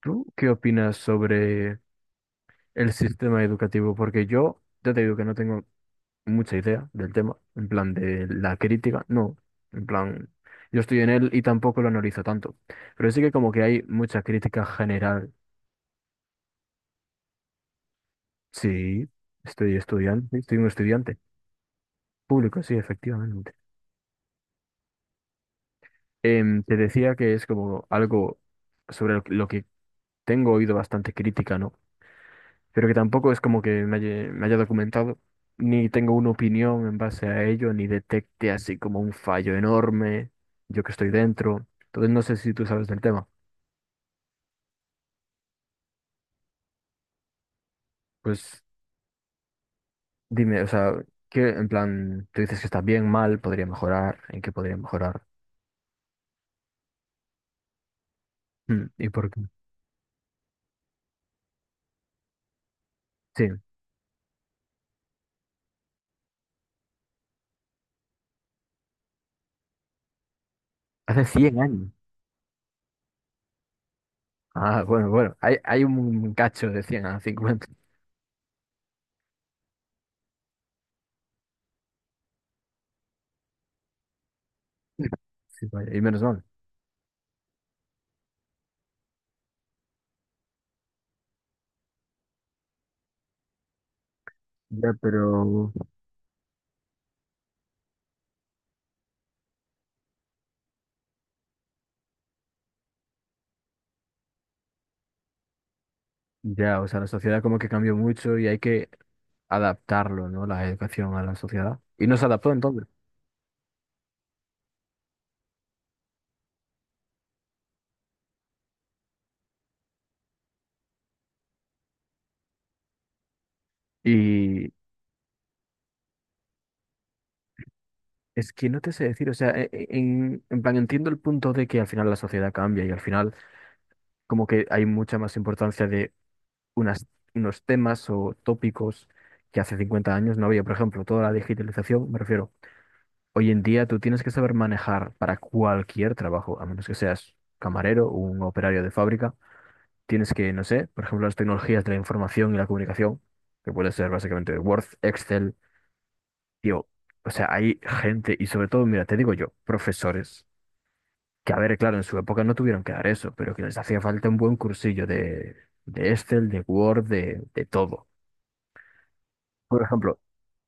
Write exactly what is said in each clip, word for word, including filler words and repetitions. ¿Tú qué opinas sobre el sistema educativo? Porque yo ya te digo que no tengo mucha idea del tema, en plan de la crítica, no, en plan, yo estoy en él y tampoco lo analizo tanto, pero sí que como que hay mucha crítica general. Sí, estoy estudiante, estoy un estudiante público, sí, efectivamente. Em, te decía que es como algo sobre lo que tengo oído bastante crítica, ¿no? Pero que tampoco es como que me haya, me haya documentado, ni tengo una opinión en base a ello, ni detecte así como un fallo enorme, yo que estoy dentro. Entonces no sé si tú sabes del tema. Pues dime, o sea, ¿qué en plan, tú dices que está bien, mal, podría mejorar, en qué podría mejorar? Mm, ¿y por qué? Sí, hace cien años. Ah, bueno, bueno, hay, hay un cacho de cien a cincuenta. Sí, vaya, y menos mal. Ya, pero ya, o sea, la sociedad como que cambió mucho y hay que adaptarlo, ¿no? La educación a la sociedad. Y no se adaptó entonces. Y es que no te sé decir, o sea, e- e- en, en plan entiendo el punto de que al final la sociedad cambia y al final como que hay mucha más importancia de unas, unos temas o tópicos que hace cincuenta años no había. Por ejemplo, toda la digitalización, me refiero, hoy en día tú tienes que saber manejar para cualquier trabajo, a menos que seas camarero o un operario de fábrica. Tienes que, no sé, por ejemplo, las tecnologías de la información y la comunicación, que puede ser básicamente Word, Excel. Tío, o sea, hay gente, y sobre todo, mira, te digo yo, profesores, que a ver, claro, en su época no tuvieron que dar eso, pero que les hacía falta un buen cursillo de, de Excel, de Word, de, de todo. Por ejemplo,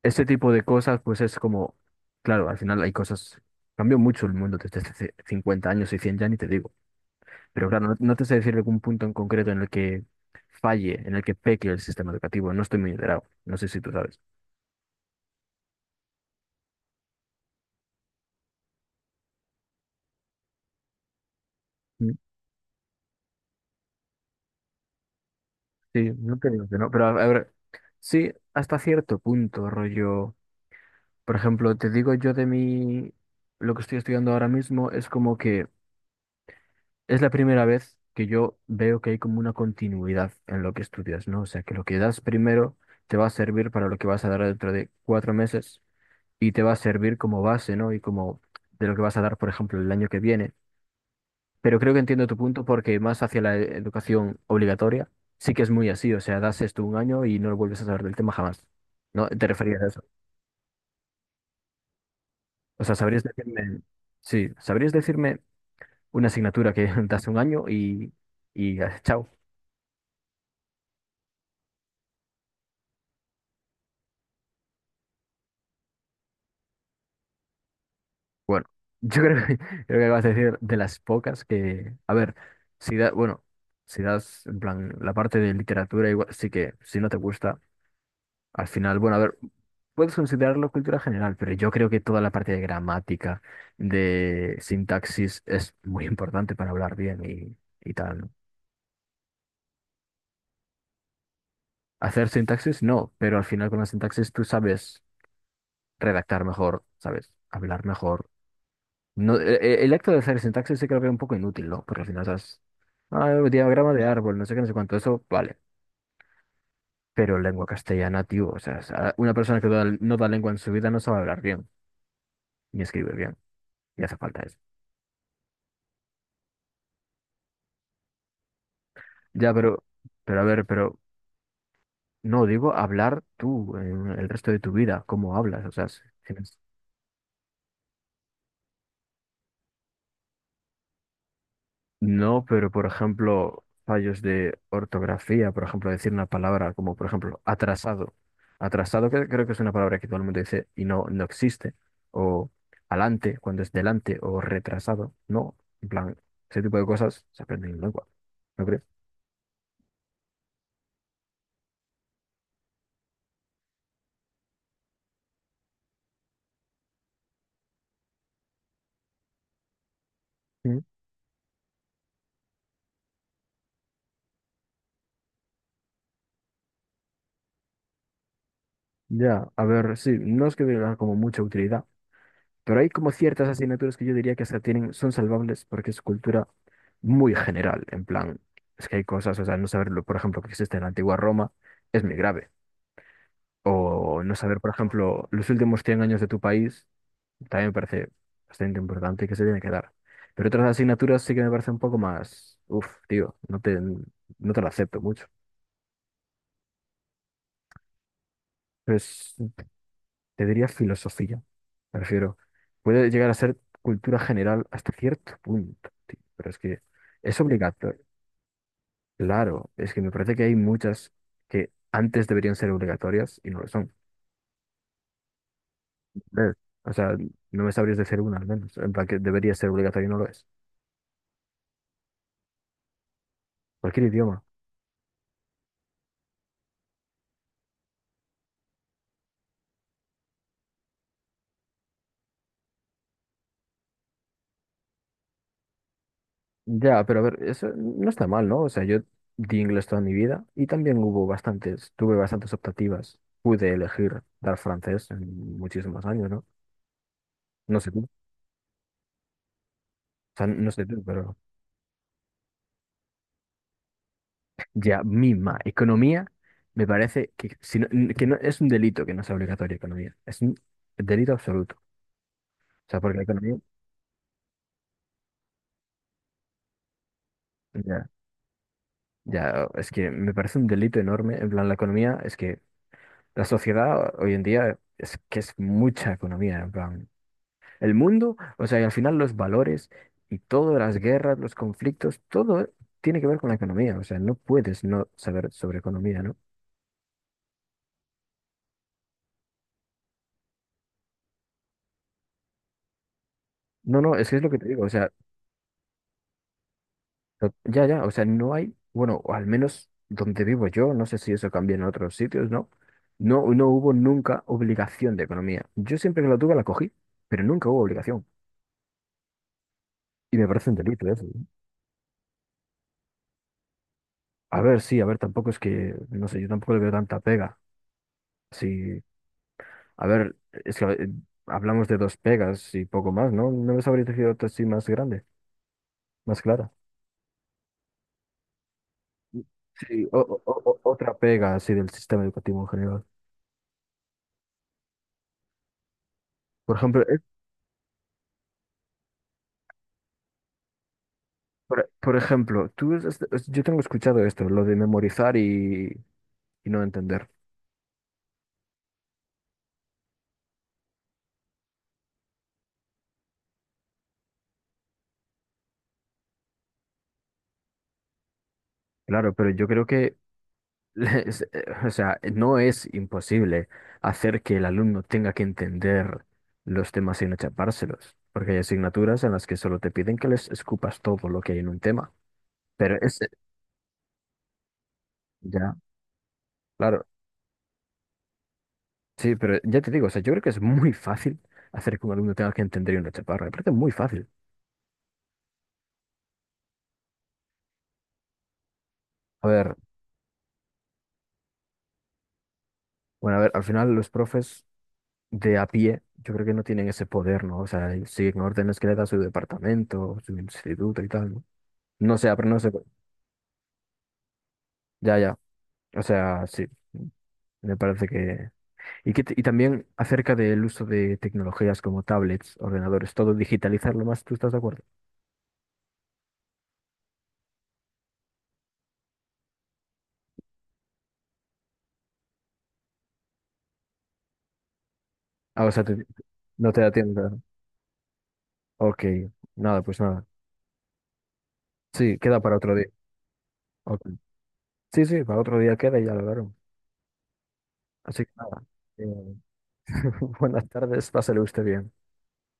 este tipo de cosas, pues es como, claro, al final hay cosas, cambió mucho el mundo desde hace cincuenta años y cien ya ni te digo, pero claro, no, no te sé decir algún punto en concreto en el que falle, en el que peque el sistema educativo, no estoy muy enterado, no sé si tú sabes. Sí, no te digo que no, pero a a ver, sí, hasta cierto punto, rollo. Por ejemplo, te digo yo de mi, lo que estoy estudiando ahora mismo es como que es la primera vez que yo veo que hay como una continuidad en lo que estudias, ¿no? O sea, que lo que das primero te va a servir para lo que vas a dar dentro de cuatro meses y te va a servir como base, ¿no? Y como de lo que vas a dar, por ejemplo, el año que viene. Pero creo que entiendo tu punto porque más hacia la e- educación obligatoria, sí que es muy así. O sea, das esto un año y no vuelves a saber del tema jamás. ¿No? ¿Te referías a eso? O sea, ¿sabrías decirme, sí, sabrías decirme una asignatura que das un año y, y ah, chao? Bueno, yo creo que, creo que acabas de decir de las pocas que, a ver, si da, bueno, si das, en plan, la parte de literatura, igual, sí que si no te gusta. Al final, bueno, a ver, puedes considerarlo cultura general, pero yo creo que toda la parte de gramática, de sintaxis, es muy importante para hablar bien y, y tal, ¿no? Hacer sintaxis, no, pero al final con la sintaxis tú sabes redactar mejor, sabes hablar mejor. No, e- e- el, acto de hacer sintaxis sí creo que es un poco inútil, ¿no? Porque al final sabes, ah, diagrama de árbol, no sé qué, no sé cuánto, eso, vale. Pero lengua castellana, tío, o sea, o sea, una persona que no da no da lengua en su vida no sabe hablar bien ni escribir bien, y hace falta eso. Ya, pero, pero a ver, pero no, digo hablar tú en el resto de tu vida, cómo hablas, o sea, si- si no es- no, pero por ejemplo, fallos de ortografía, por ejemplo, decir una palabra como, por ejemplo, atrasado. Atrasado que creo que es una palabra que todo el mundo dice y no, no existe. O alante, cuando es delante, o retrasado, no. En plan, ese tipo de cosas se aprenden en lengua, ¿no crees? Mm, ya, a ver, sí, no es que tenga como mucha utilidad. Pero hay como ciertas asignaturas que yo diría que hasta tienen, son salvables porque es cultura muy general. En plan, es que hay cosas, o sea, no saberlo, por ejemplo, que existe en la antigua Roma es muy grave. O no saber, por ejemplo, los últimos cien años de tu país también me parece bastante importante y que se tiene que dar. Pero otras asignaturas sí que me parece un poco más, uff, tío, no te, no te lo acepto mucho. Pues te diría filosofía. Me refiero, puede llegar a ser cultura general hasta cierto punto, tío, pero es que es obligatorio. Claro, es que me parece que hay muchas que antes deberían ser obligatorias y no lo son. ¿Ves? O sea, no me sabrías decir una al menos, en plan que debería ser obligatorio y no lo es. Cualquier idioma. Ya, pero a ver, eso no está mal, ¿no? O sea, yo di inglés toda mi vida y también hubo bastantes, tuve bastantes optativas. Pude elegir dar francés en muchísimos años, ¿no? No sé tú, o sea, no sé tú, pero... Ya, misma. Economía me parece que, si no- que no, es un delito que no sea obligatorio economía. Es un delito absoluto. O sea, porque la economía, ya, ya, es que me parece un delito enorme. En plan, la economía es que la sociedad hoy en día es que es mucha economía. En plan, el mundo, o sea, y al final los valores y todas las guerras, los conflictos, todo tiene que ver con la economía. O sea, no puedes no saber sobre economía, ¿no? No, no, es que es lo que te digo. O sea, To- ya, ya, o sea, no hay, bueno, o al menos donde vivo yo, no sé si eso cambia en otros sitios, ¿no? No, no hubo nunca obligación de economía. Yo siempre que la tuve la cogí, pero nunca hubo obligación. Y me parece un delito eso, ¿eh? A ver, sí, a ver, tampoco es que, no sé, yo tampoco le veo tanta pega. Sí, a ver, es que eh, hablamos de dos pegas y poco más, ¿no? No les habría tejido otra así más grande, más clara. Sí, o- o- o- o- otra pega así del sistema educativo en general. Por ejemplo. Por, por ejemplo, tú, es- es- yo tengo escuchado esto, lo de memorizar y, y no entender. Claro, pero yo creo que, es- eh, o sea, no es imposible hacer que el alumno tenga que entender los temas sin achapárselos, porque hay asignaturas en las que solo te piden que les escupas todo lo que hay en un tema. Pero es, eh, ya, claro, sí, pero ya te digo, o sea, yo creo que es muy fácil hacer que un alumno tenga que entender y no achaparra. Me parece muy fácil. A ver, bueno, a ver, al final los profes de a pie, yo creo que no tienen ese poder, ¿no? O sea, ellos siguen órdenes que le da su departamento, su instituto y tal, ¿no? No sé, pero no sé. Ya, ya. O sea, sí, me parece que... Y, que t- y también acerca del uso de tecnologías como tablets, ordenadores, todo digitalizarlo más, ¿tú estás de acuerdo? Ah, o sea, te- no te da tiempo, ¿verdad? Ok, nada, pues nada. Sí, queda para otro día. Ok. Sí, sí, para otro día queda y ya lo hablaron. Así que nada. eh, buenas tardes, pásale usted bien.